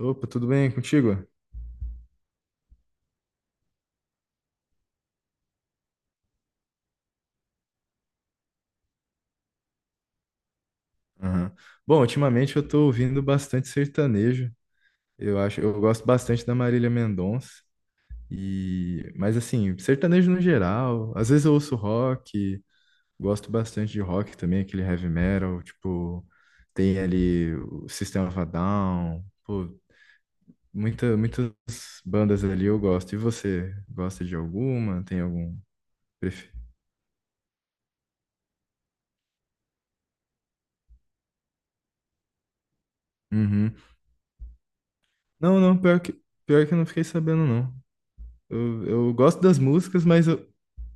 Opa, tudo bem contigo? Aham. Bom, ultimamente eu tô ouvindo bastante sertanejo. Eu gosto bastante da Marília Mendonça. E, mas assim, sertanejo no geral. Às vezes eu ouço rock, gosto bastante de rock também, aquele heavy metal, tipo, tem ali o System of a Down, pô, muitas bandas ali eu gosto. E você, gosta de alguma? Tem algum preferido? Uhum. Não, não, pior que, eu não fiquei sabendo, não. Eu gosto das músicas, mas eu.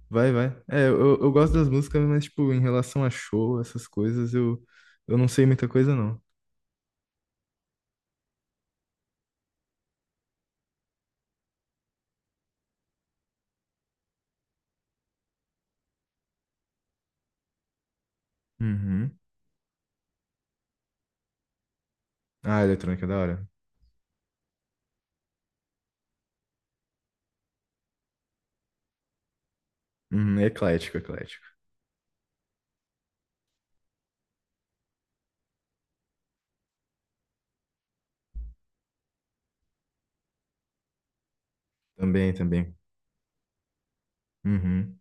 Vai, vai. É, eu gosto das músicas, mas, tipo, em relação a show, essas coisas, eu não sei muita coisa, não. Uhum. Ah, eletrônica, da hora. Uhum. É eclético, é eclético. Também, também. Uhum.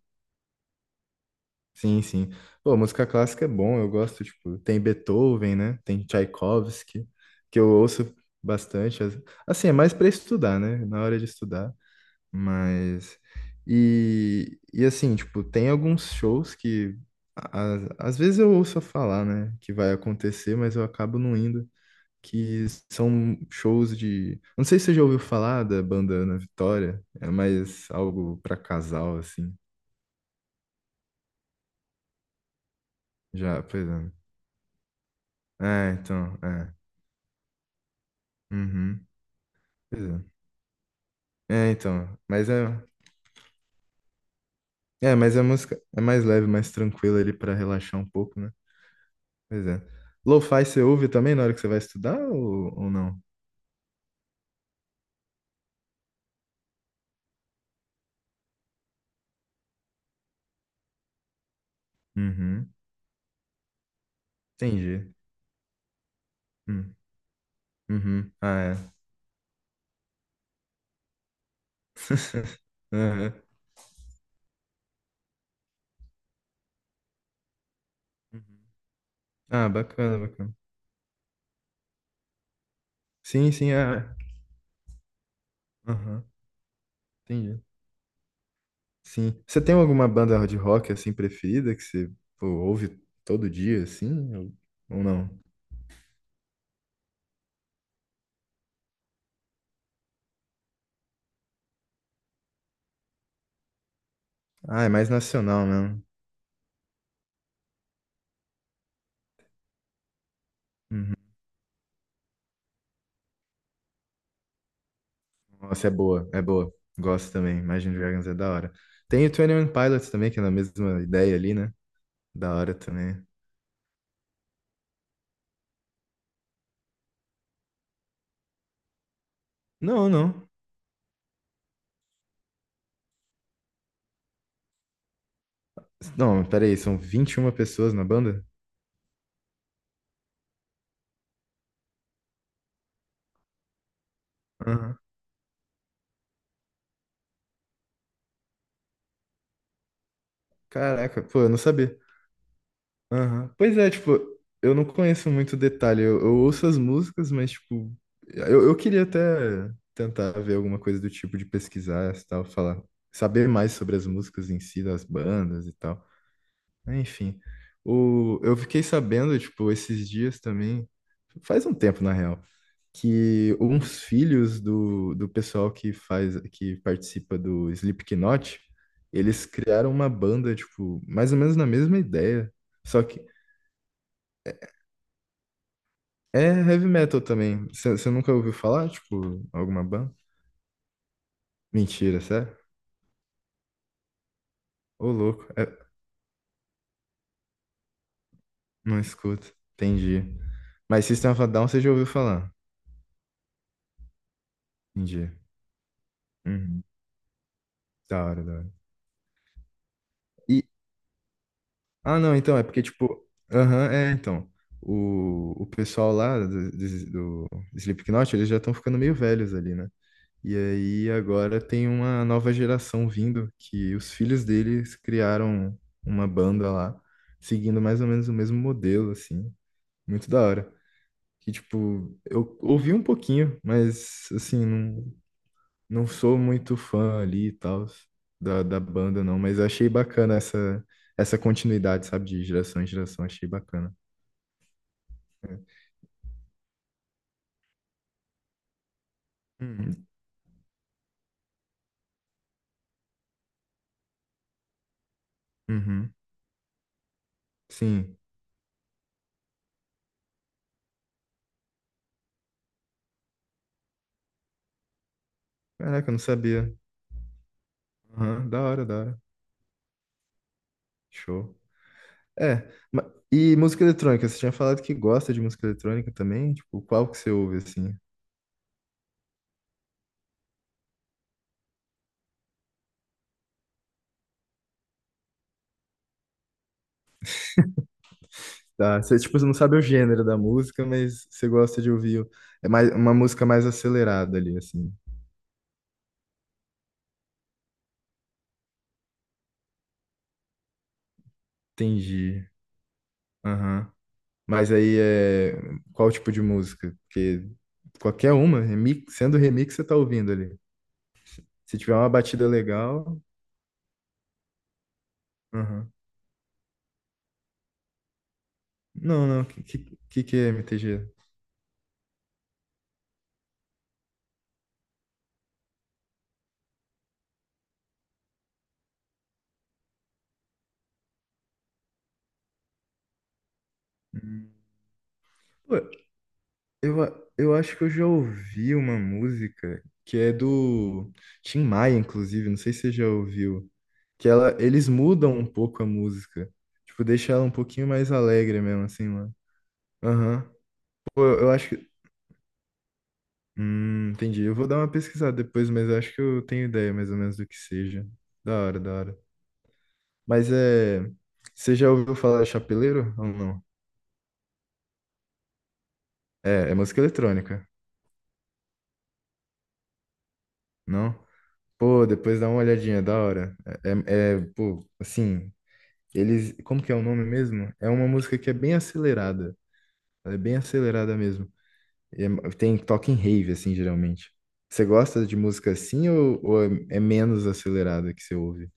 Sim, sim. Pô, música clássica é bom, eu gosto, tipo, tem Beethoven, né? Tem Tchaikovsky, que eu ouço bastante. Assim, é mais pra estudar, né? Na hora de estudar. Mas. E assim, tipo, tem alguns shows que. Às vezes eu ouço falar, né? Que vai acontecer, mas eu acabo não indo. Que são shows de. Não sei se você já ouviu falar da banda Ana Vitória. É mais algo pra casal, assim. Já, pois é. É, então. É. Uhum. Pois é. É, então. Mas é. É, mas a música é mais leve, mais tranquila ali pra relaxar um pouco, né? Pois é. Lo-fi você ouve também na hora que você vai estudar ou não? Uhum. Entendi. Hum. Uhum. Ah, é. Aham. Uhum. Ah, bacana, bacana. Sim, sim, é. É. Aham. Entendi. Sim. Você tem alguma banda de rock assim preferida que você pô, ouve todo dia, assim? Ou não? Ah, é mais nacional mesmo. Uhum. Nossa, é boa, é boa. Gosto também. Imagine Dragons é da hora. Tem o 21 Pilots também, que é na mesma ideia ali, né? Da hora também. Não, não. Não, peraí, são 21 pessoas na banda? Caraca, pô, eu não sabia. Aham. Pois é, tipo, eu não conheço muito detalhe. Eu ouço as músicas, mas, tipo, eu queria até tentar ver alguma coisa do tipo de pesquisar e tal, falar, saber mais sobre as músicas em si, das bandas e tal. Enfim, eu fiquei sabendo, tipo, esses dias também, faz um tempo na real que uns filhos do, pessoal que participa do Slipknot, eles criaram uma banda, tipo, mais ou menos na mesma ideia. Só que é heavy metal também. Você nunca ouviu falar, tipo, alguma banda? Mentira, sério? Ô, louco, é, não escuto. Entendi. Mas System of a Down você já ouviu falar. Entendi. Uhum. Da hora, da hora. E, Ah, não, então, é porque, tipo, aham, é, então, o pessoal lá do, do Slipknot, eles já estão ficando meio velhos ali, né? E aí agora tem uma nova geração vindo, que os filhos deles criaram uma banda lá, seguindo mais ou menos o mesmo modelo, assim, muito da hora. Que, tipo, eu ouvi um pouquinho, mas, assim, não, não sou muito fã ali e tal da banda, não, mas achei bacana essa, continuidade, sabe, de geração em geração, achei bacana. Hum. Hum, Uhum. Sim. Caraca, eu não sabia. Aham, da hora, da hora. Show. É, e música eletrônica, você tinha falado que gosta de música eletrônica também? Tipo, qual que você ouve, assim? Tá, você, tipo, você não sabe o gênero da música, mas você gosta de ouvir é mais, uma música mais acelerada ali, assim. Entendi. Aham. Mas aí é qual tipo de música? Porque qualquer uma, remix, sendo remix, você tá ouvindo ali. Se tiver uma batida legal. Aham. Não, não. Que é MTG? Hum. Pô, eu acho que eu já ouvi uma música que é do Tim Maia, inclusive. Não sei se você já ouviu. Eles mudam um pouco a música. Tipo, deixa ela um pouquinho mais alegre mesmo, assim, mano. Aham. Pô, eu acho que entendi. Eu vou dar uma pesquisada depois, mas eu acho que eu tenho ideia mais ou menos do que seja. Da hora, da hora. Mas é. Você já ouviu falar de chapeleiro ou não? É música eletrônica, não? Pô, depois dá uma olhadinha, da hora. Pô, assim, eles. Como que é o nome mesmo? É uma música que é bem acelerada. Ela é bem acelerada mesmo. E tem toque em rave, assim, geralmente. Você gosta de música assim ou, é, menos acelerada que você ouve?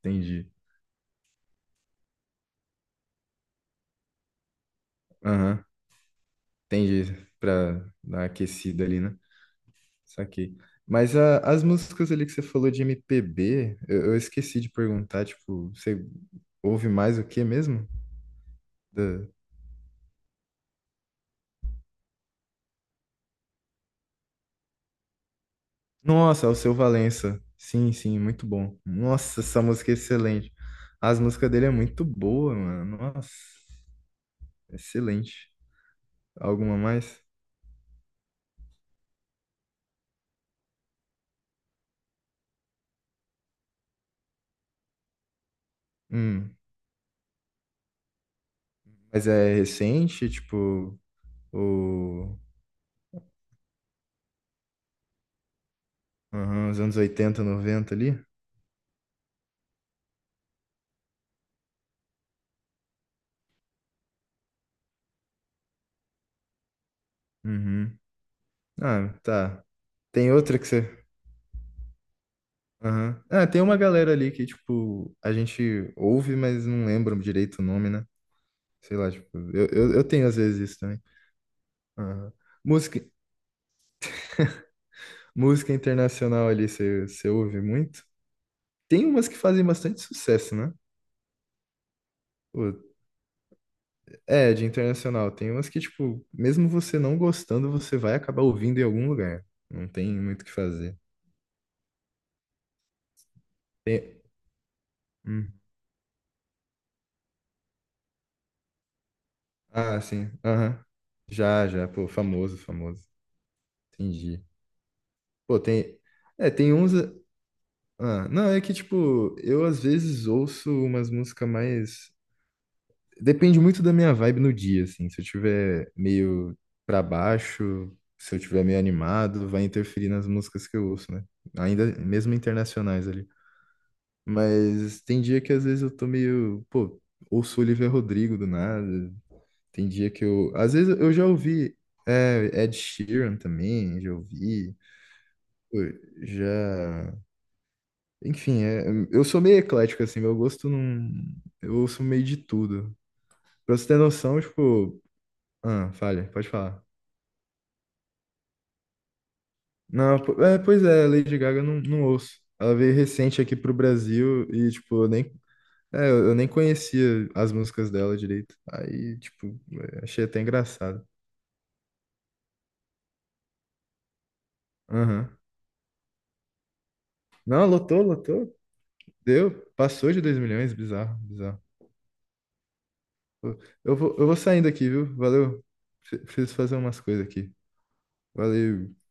Entendi. Aham. Entendi, pra dar uma aquecida ali, né? Saquei. Mas as músicas ali que você falou de MPB, eu esqueci de perguntar, tipo, você ouve mais o que mesmo? Da- Nossa, o Seu Valença. Sim, sim, muito bom. Nossa, essa música é excelente. As músicas dele é muito boa, mano. Nossa, excelente. Alguma mais? Hum, mas é recente, tipo, o... Aham, os anos 80, 90 ali? Uhum. Ah, tá. Tem outra que você. Aham. Ah, tem uma galera ali que, tipo, a gente ouve, mas não lembra direito o nome, né? Sei lá, tipo, eu tenho às vezes isso também. Aham. Música, música internacional ali, você ouve muito? Tem umas que fazem bastante sucesso, né? Pô, é, de internacional. Tem umas que, tipo, mesmo você não gostando, você vai acabar ouvindo em algum lugar. Não tem muito o que fazer. Tem- hum. Ah, sim. Aham. Já, já. Pô, famoso, famoso. Entendi. Pô, tem. É, tem uns. Ah, não, é que, tipo, eu às vezes ouço umas músicas mais. Depende muito da minha vibe no dia, assim. Se eu tiver meio pra baixo, se eu tiver meio animado, vai interferir nas músicas que eu ouço, né? Ainda mesmo internacionais ali. Mas tem dia que às vezes eu tô meio. Pô, ouço Olivia Rodrigo do nada. Tem dia que eu. Às vezes eu já ouvi é, Ed Sheeran também, já ouvi. Pô, já. Enfim, eu sou meio eclético, assim, meu gosto não. Eu ouço meio de tudo. Pra você ter noção, tipo. Ah, falha, pode falar. Não, pois é, Lady Gaga eu não ouço. Ela veio recente aqui pro Brasil e, tipo, eu nem. É, eu nem conhecia as músicas dela direito. Aí, tipo, é, achei até engraçado. Aham. Não, lotou, lotou. Deu. Passou de 2 milhões, bizarro, bizarro. Pô, eu vou saindo aqui, viu? Valeu. Preciso fazer umas coisas aqui. Valeu.